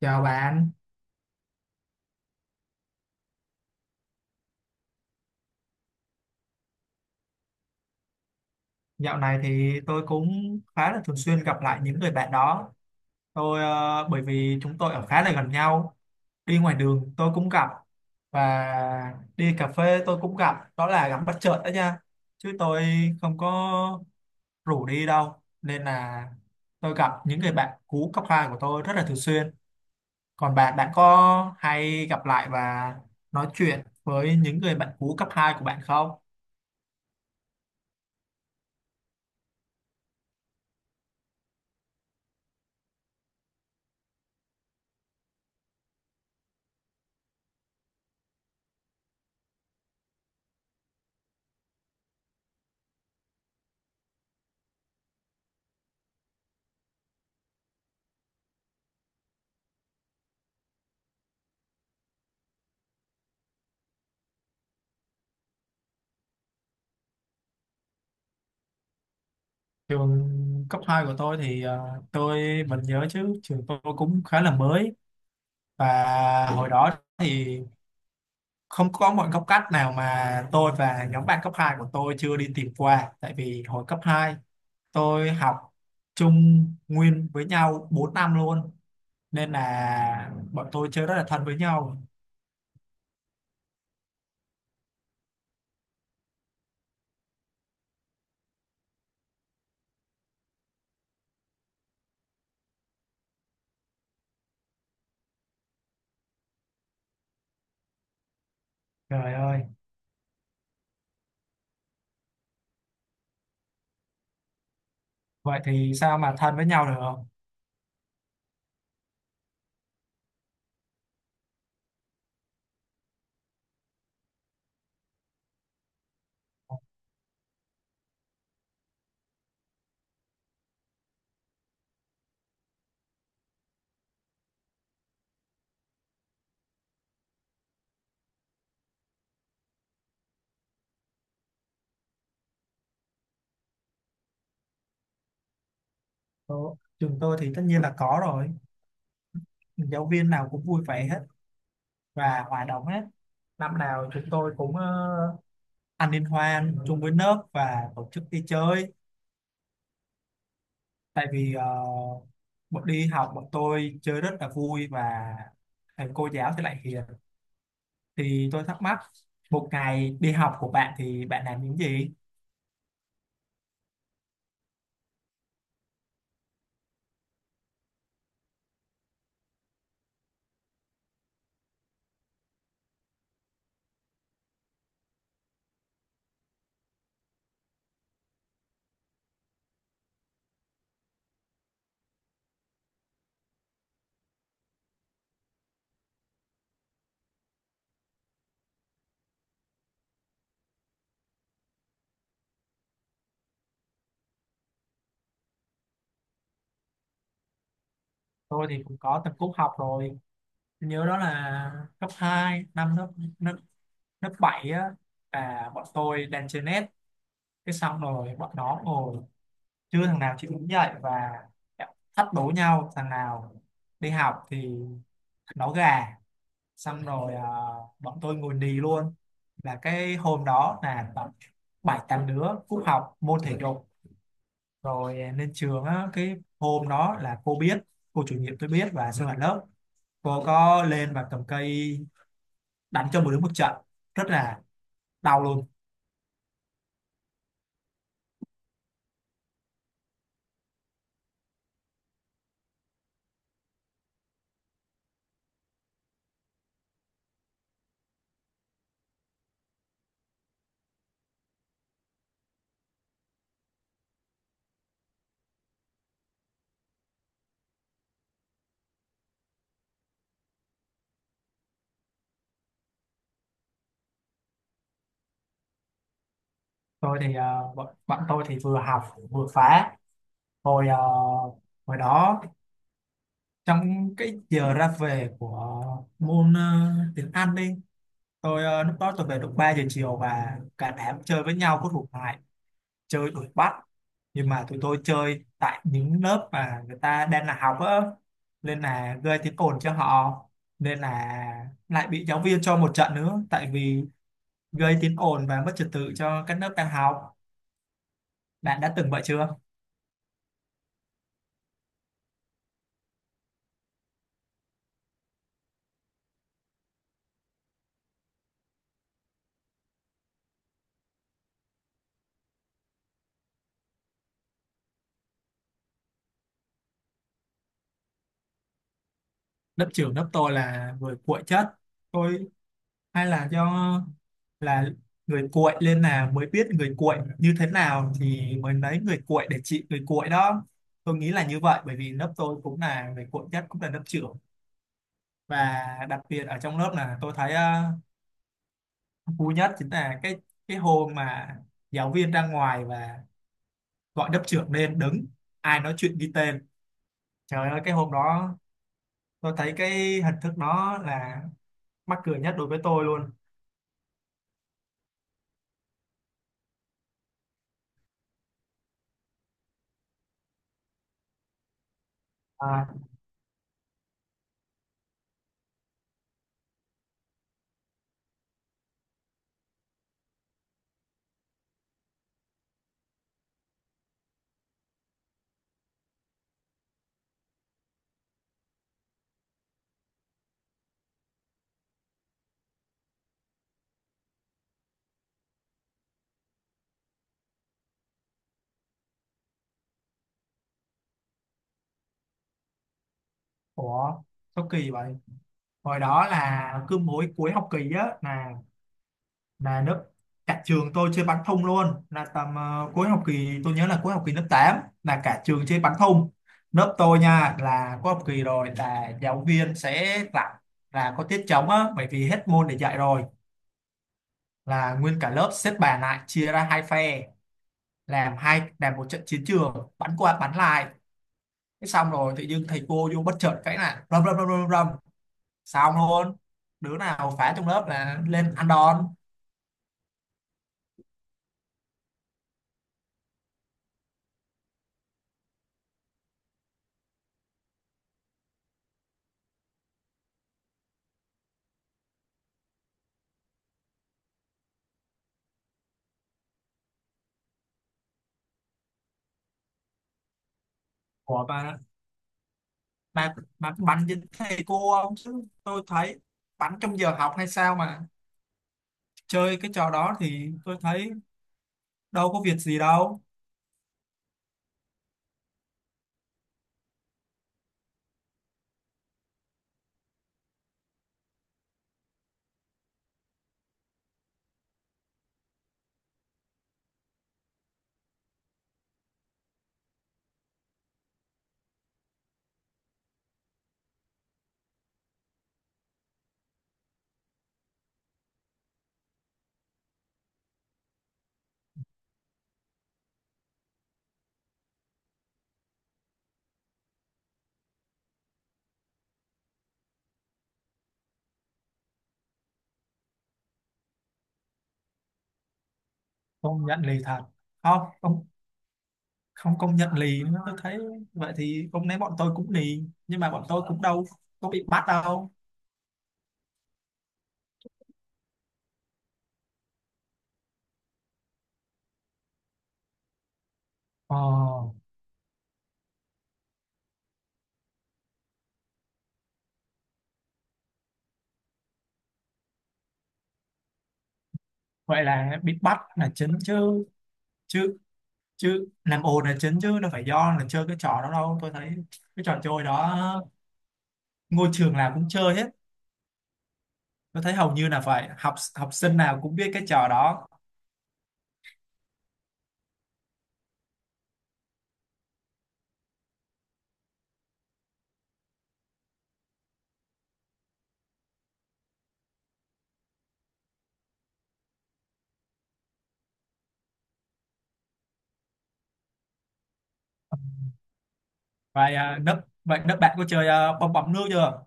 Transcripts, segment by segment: Chào bạn, dạo này thì tôi cũng khá là thường xuyên gặp lại những người bạn đó. Tôi bởi vì chúng tôi ở khá là gần nhau, đi ngoài đường tôi cũng gặp và đi cà phê tôi cũng gặp, đó là gặp bất chợt đó nha. Chứ tôi không có rủ đi đâu nên là tôi gặp những người bạn cũ cấp 2 của tôi rất là thường xuyên. Còn bạn, bạn có hay gặp lại và nói chuyện với những người bạn cũ cấp 2 của bạn không? Trường cấp 2 của tôi thì tôi vẫn nhớ chứ, trường tôi cũng khá là mới, và hồi đó thì không có một góc cắt nào mà tôi và nhóm bạn cấp 2 của tôi chưa đi tìm qua, tại vì hồi cấp 2 tôi học chung nguyên với nhau 4 năm luôn, nên là bọn tôi chơi rất là thân với nhau. Trời ơi, vậy thì sao mà thân với nhau được không? Đó, trường tôi thì tất nhiên là có rồi, giáo viên nào cũng vui vẻ hết và hòa đồng hết, năm nào chúng tôi cũng ăn liên hoan chung với lớp và tổ chức đi chơi, tại vì bọn đi học bọn tôi chơi rất là vui và thầy cô giáo thì lại hiền. Thì tôi thắc mắc, một ngày đi học của bạn thì bạn làm những gì? Tôi thì cũng có tập cúp học rồi. Tôi nhớ đó là cấp hai, năm lớp lớp, lớp 7 á, và bọn tôi đang chơi net, cái xong rồi bọn nó ngồi chưa thằng nào chịu đứng dậy và thách đố nhau thằng nào đi học thì nó gà. Xong rồi bọn tôi ngồi nì luôn, là cái hôm đó là tầm bảy tám đứa cúp học môn thể dục, rồi lên trường á, cái hôm đó là cô biết, cô chủ nhiệm tôi biết và sinh hoạt lớp, cô có lên và cầm cây đánh cho một đứa một trận rất là đau luôn. Tôi thì bọn tôi thì vừa học vừa phá. Hồi à, hồi đó, trong cái giờ ra về của môn tiếng Anh đi, tôi lúc đó tôi về được 3 giờ chiều, và cả đám chơi với nhau có thuộc lại, chơi đuổi bắt, nhưng mà tụi tôi chơi tại những lớp mà người ta đang là học á, nên là gây tiếng ồn cho họ, nên là lại bị giáo viên cho một trận nữa, tại vì gây tiếng ồn và mất trật tự cho các lớp đang học. Bạn đã từng vậy chưa? Lớp trưởng lớp tôi là người cuội chất, tôi hay là do là người cuội lên là mới biết người cuội như thế nào thì mới lấy người cuội để trị người cuội đó, tôi nghĩ là như vậy bởi vì lớp tôi cũng là người cuội nhất cũng là lớp trưởng. Và đặc biệt ở trong lớp là tôi thấy vui nhất chính là cái hôm mà giáo viên ra ngoài và gọi lớp trưởng lên đứng, ai nói chuyện ghi tên. Trời ơi, cái hôm đó tôi thấy cái hình thức nó là mắc cười nhất đối với tôi luôn. À, ủa sao kỳ vậy? Hồi đó là cứ mỗi cuối học kỳ á là lớp cả trường tôi chơi bắn thông luôn, là tầm cuối học kỳ, tôi nhớ là cuối học kỳ lớp 8 là cả trường chơi bắn thông. Lớp tôi nha, là cuối học kỳ rồi là giáo viên sẽ tặng, là có tiết trống á bởi vì hết môn để dạy rồi, là nguyên cả lớp xếp bàn lại chia ra hai phe, làm hai, làm một trận chiến trường bắn qua bắn lại. Thế xong rồi tự dưng thầy cô vô bất chợt cái là rầm rầm rầm rầm rầm, xong luôn, đứa nào phá trong lớp là lên ăn đòn. Ủa bà, có bắn với thầy cô không? Chứ tôi thấy bắn trong giờ học hay sao mà chơi cái trò đó thì tôi thấy đâu có việc gì đâu. Công nhận lì thật. Không, không, không công nhận lì nữa. Tôi thấy vậy thì hôm nay bọn tôi cũng lì. Nhưng mà bọn tôi cũng đâu có bị bắt đâu. Ờ, vậy là bị bắt là chính chứ. Chứ, chứ làm ồn là chính chứ. Đâu phải do là chơi cái trò đó đâu. Tôi thấy cái trò chơi đó ngôi trường nào cũng chơi hết. Tôi thấy hầu như là phải học học sinh nào cũng biết cái trò đó. Vậy à, lớp bạn có chơi bong bóng nước chưa?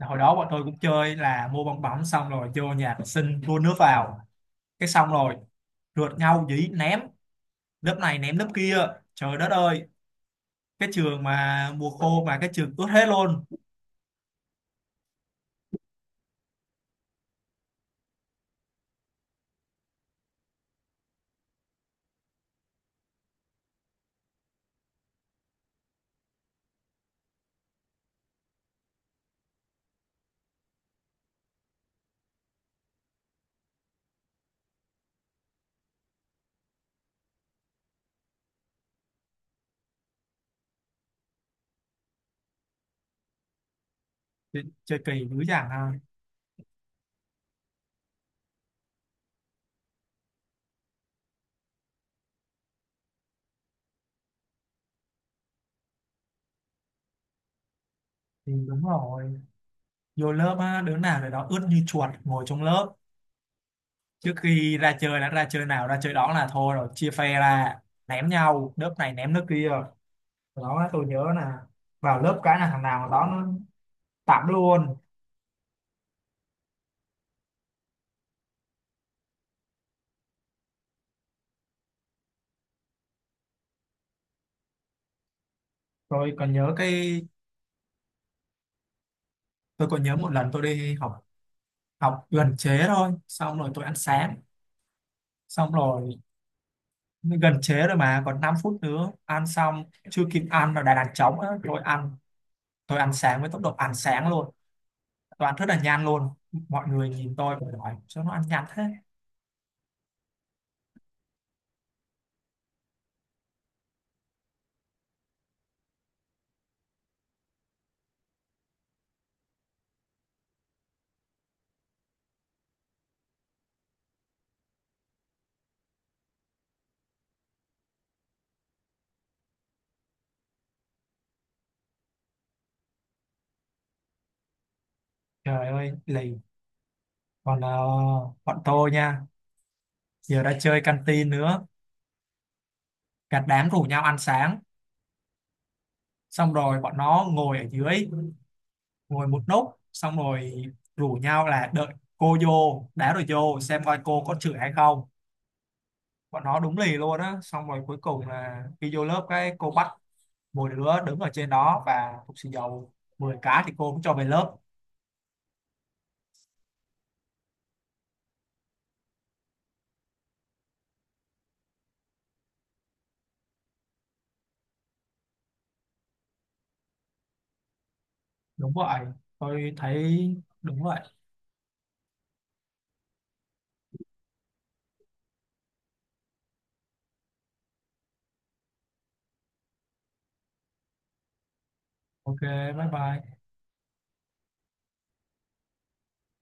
Hồi đó bọn tôi cũng chơi là mua bong bóng, xong rồi vô nhà vệ sinh đua nước vào, cái xong rồi rượt nhau dí ném, lớp này ném lớp kia. Trời đất ơi, cái trường mà mùa khô mà cái trường ướt hết luôn. Chơi kỳ dữ dằn ha. Thì đúng rồi, vô lớp á đứa nào để đó ướt như chuột ngồi trong lớp, trước khi ra chơi đã, ra chơi nào ra chơi đó là thôi rồi, chia phe ra ném nhau, lớp này ném lớp kia. Đó, tôi nhớ là vào lớp cái là thằng nào đó nó tạm luôn. Rồi còn nhớ cái, tôi còn nhớ một lần tôi đi học, học gần chế thôi, xong rồi tôi ăn sáng, xong rồi gần chế rồi mà còn 5 phút nữa ăn xong, chưa kịp ăn là đã đàn trống á, tôi ăn sáng với tốc độ ăn sáng luôn, tôi ăn rất là nhanh luôn, mọi người nhìn tôi và hỏi sao nó ăn nhanh thế. Trời ơi lì. Còn bọn tôi nha, giờ đã chơi canteen nữa, cả đám rủ nhau ăn sáng xong rồi bọn nó ngồi ở dưới ngồi một nốt, xong rồi rủ nhau là đợi cô vô đá rồi vô xem coi cô có chửi hay không. Bọn nó đúng lì luôn á, xong rồi cuối cùng là khi vô lớp cái cô bắt mỗi đứa đứng ở trên đó và phục xì dầu 10 cái thì cô cũng cho về lớp. Đúng vậy. Tôi thấy đúng vậy. Ok, bye bye.